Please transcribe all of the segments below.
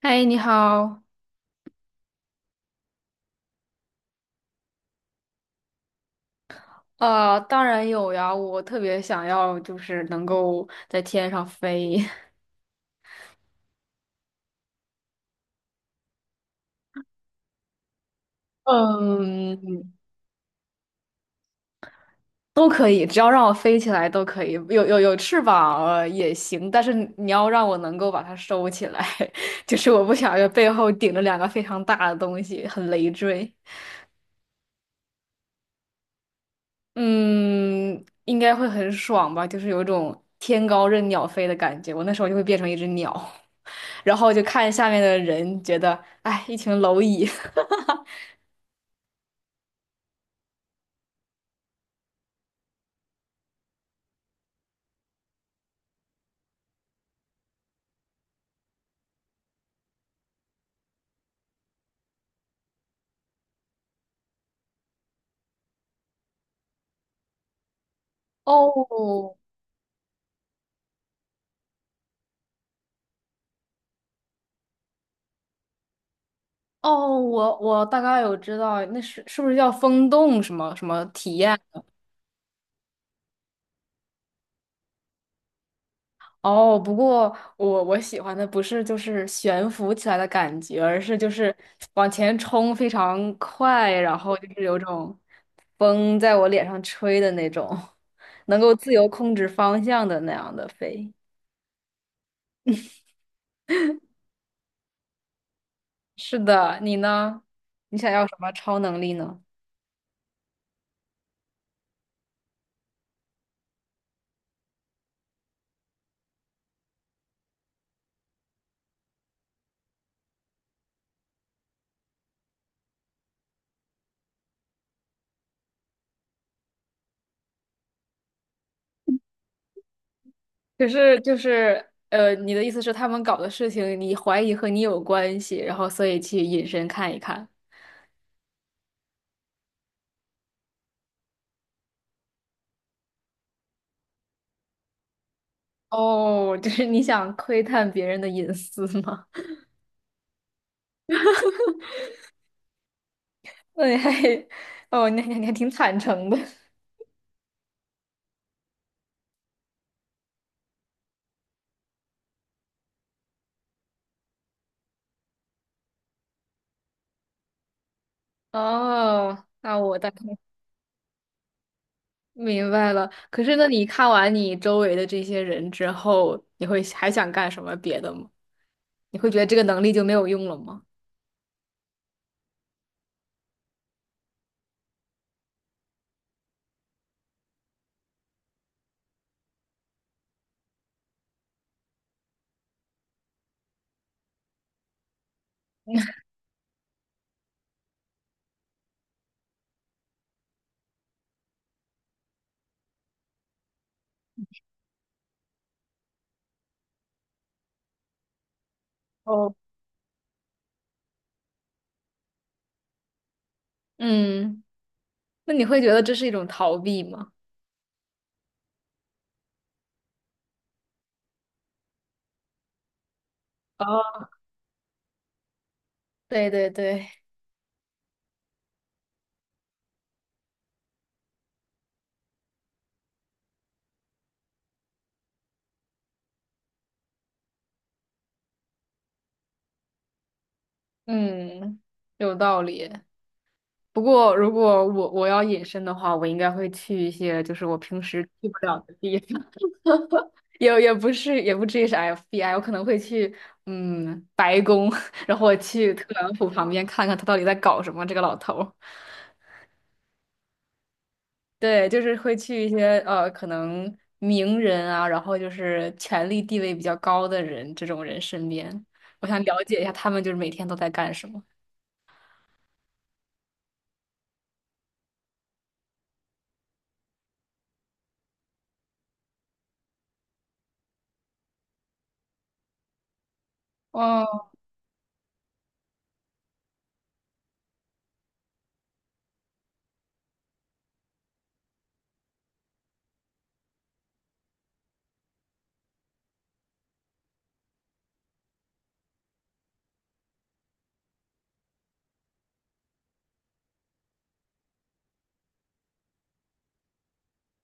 嗨，你好。当然有呀，我特别想要，就是能够在天上飞。嗯，都可以，只要让我飞起来都可以。有翅膀，也行，但是你要让我能够把它收起来，就是我不想要背后顶着两个非常大的东西，很累赘。嗯，应该会很爽吧，就是有一种天高任鸟飞的感觉。我那时候就会变成一只鸟，然后就看下面的人，觉得，哎，一群蝼蚁。哦哦，我大概有知道，那是是不是叫风洞什么什么体验？哦，不过我喜欢的不是就是悬浮起来的感觉，而是就是往前冲非常快，然后就是有种风在我脸上吹的那种，能够自由控制方向的那样的飞。是的，你呢？你想要什么超能力呢？可是就是你的意思是他们搞的事情，你怀疑和你有关系，然后所以去隐身看一看。哦，就是你想窥探别人的隐私吗？那你还，哦，那你还挺坦诚的。哦，那我大概明白了。可是，那你看完你周围的这些人之后，你会还想干什么别的吗？你会觉得这个能力就没有用了吗？哦，嗯，那你会觉得这是一种逃避吗？哦，对对对。嗯，有道理。不过，如果我要隐身的话，我应该会去一些就是我平时去不了的地方，也不是也不至于是 FBI,我可能会去嗯白宫，然后我去特朗普旁边看看他到底在搞什么，这个老头儿对，就是会去一些可能名人啊，然后就是权力地位比较高的人这种人身边，我想了解一下他们就是每天都在干什么。哦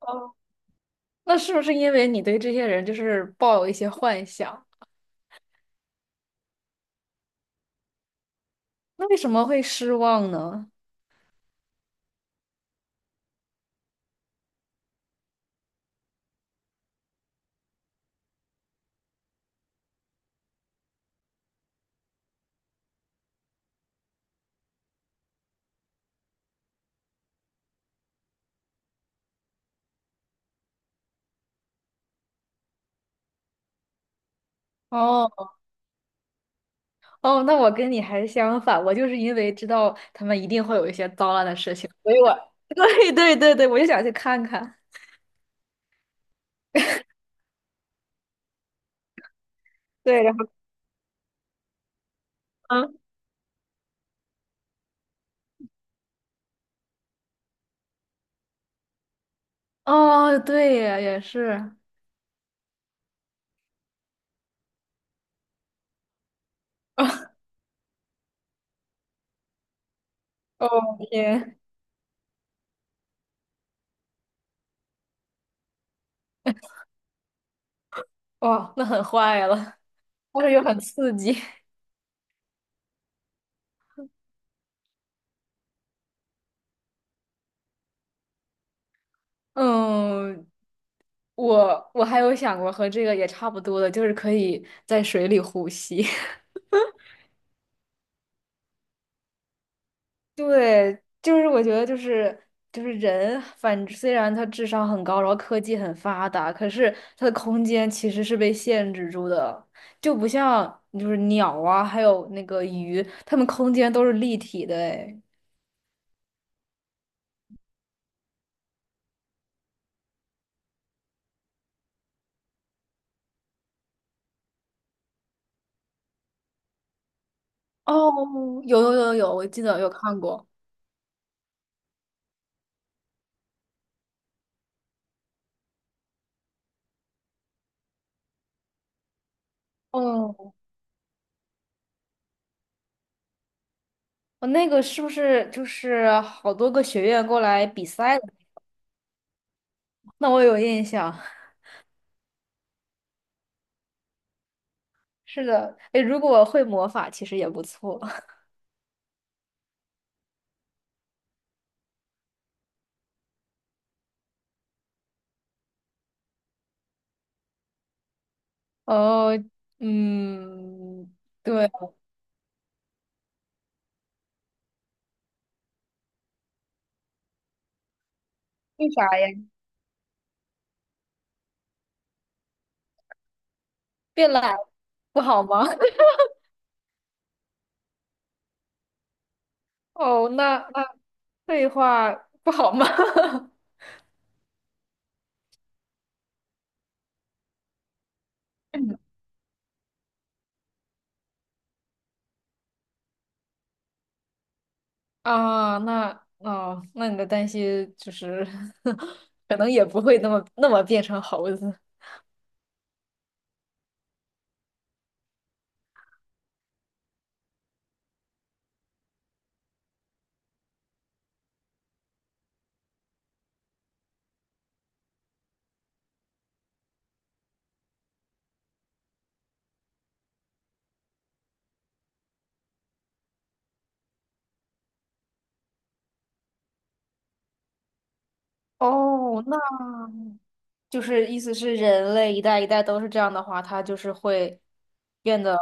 哦那是不是因为你对这些人就是抱有一些幻想？那为什么会失望呢？哦哦，那我跟你还相反，我就是因为知道他们一定会有一些糟烂的事情，所以我 对对对对，我就想去看看。对，然后嗯，哦，对耶，也是，哦天，哇，那很坏了，但是又很刺激。嗯，我还有想过和这个也差不多的，就是可以在水里呼吸。对，就是我觉得就是就是人，反虽然他智商很高，然后科技很发达，可是他的空间其实是被限制住的，就不像就是鸟啊，还有那个鱼，它们空间都是立体的诶。哦，有，我记得有看过。哦，我那个是不是就是好多个学院过来比赛的？那我有印象。是的，哎，如果会魔法，其实也不错。哦，嗯，对，为啥呀？变懒不好吗？哦，那那废话不好吗？啊，那哦，那你的担心就是，可能也不会那么变成猴子。哦，那就是意思是人类一代一代都是这样的话，它就是会变得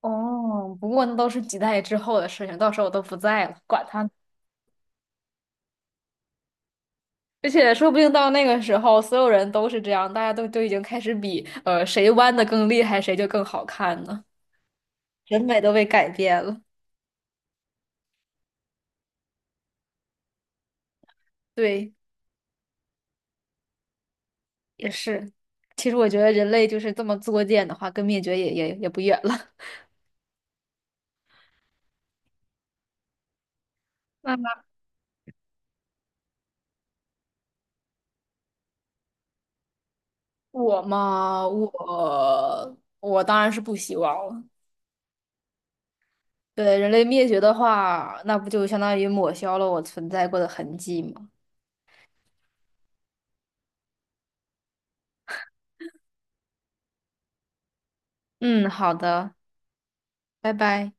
哦。不过那都是几代之后的事情，到时候我都不在了，管他。而且说不定到那个时候，所有人都是这样，大家都已经开始比，谁弯的更厉害，谁就更好看呢？审美都被改变了。对，也是。其实我觉得人类就是这么作贱的话，跟灭绝也不远了。那我嘛，我当然是不希望了。对，人类灭绝的话，那不就相当于抹消了我存在过的痕迹吗？嗯，好的，拜拜。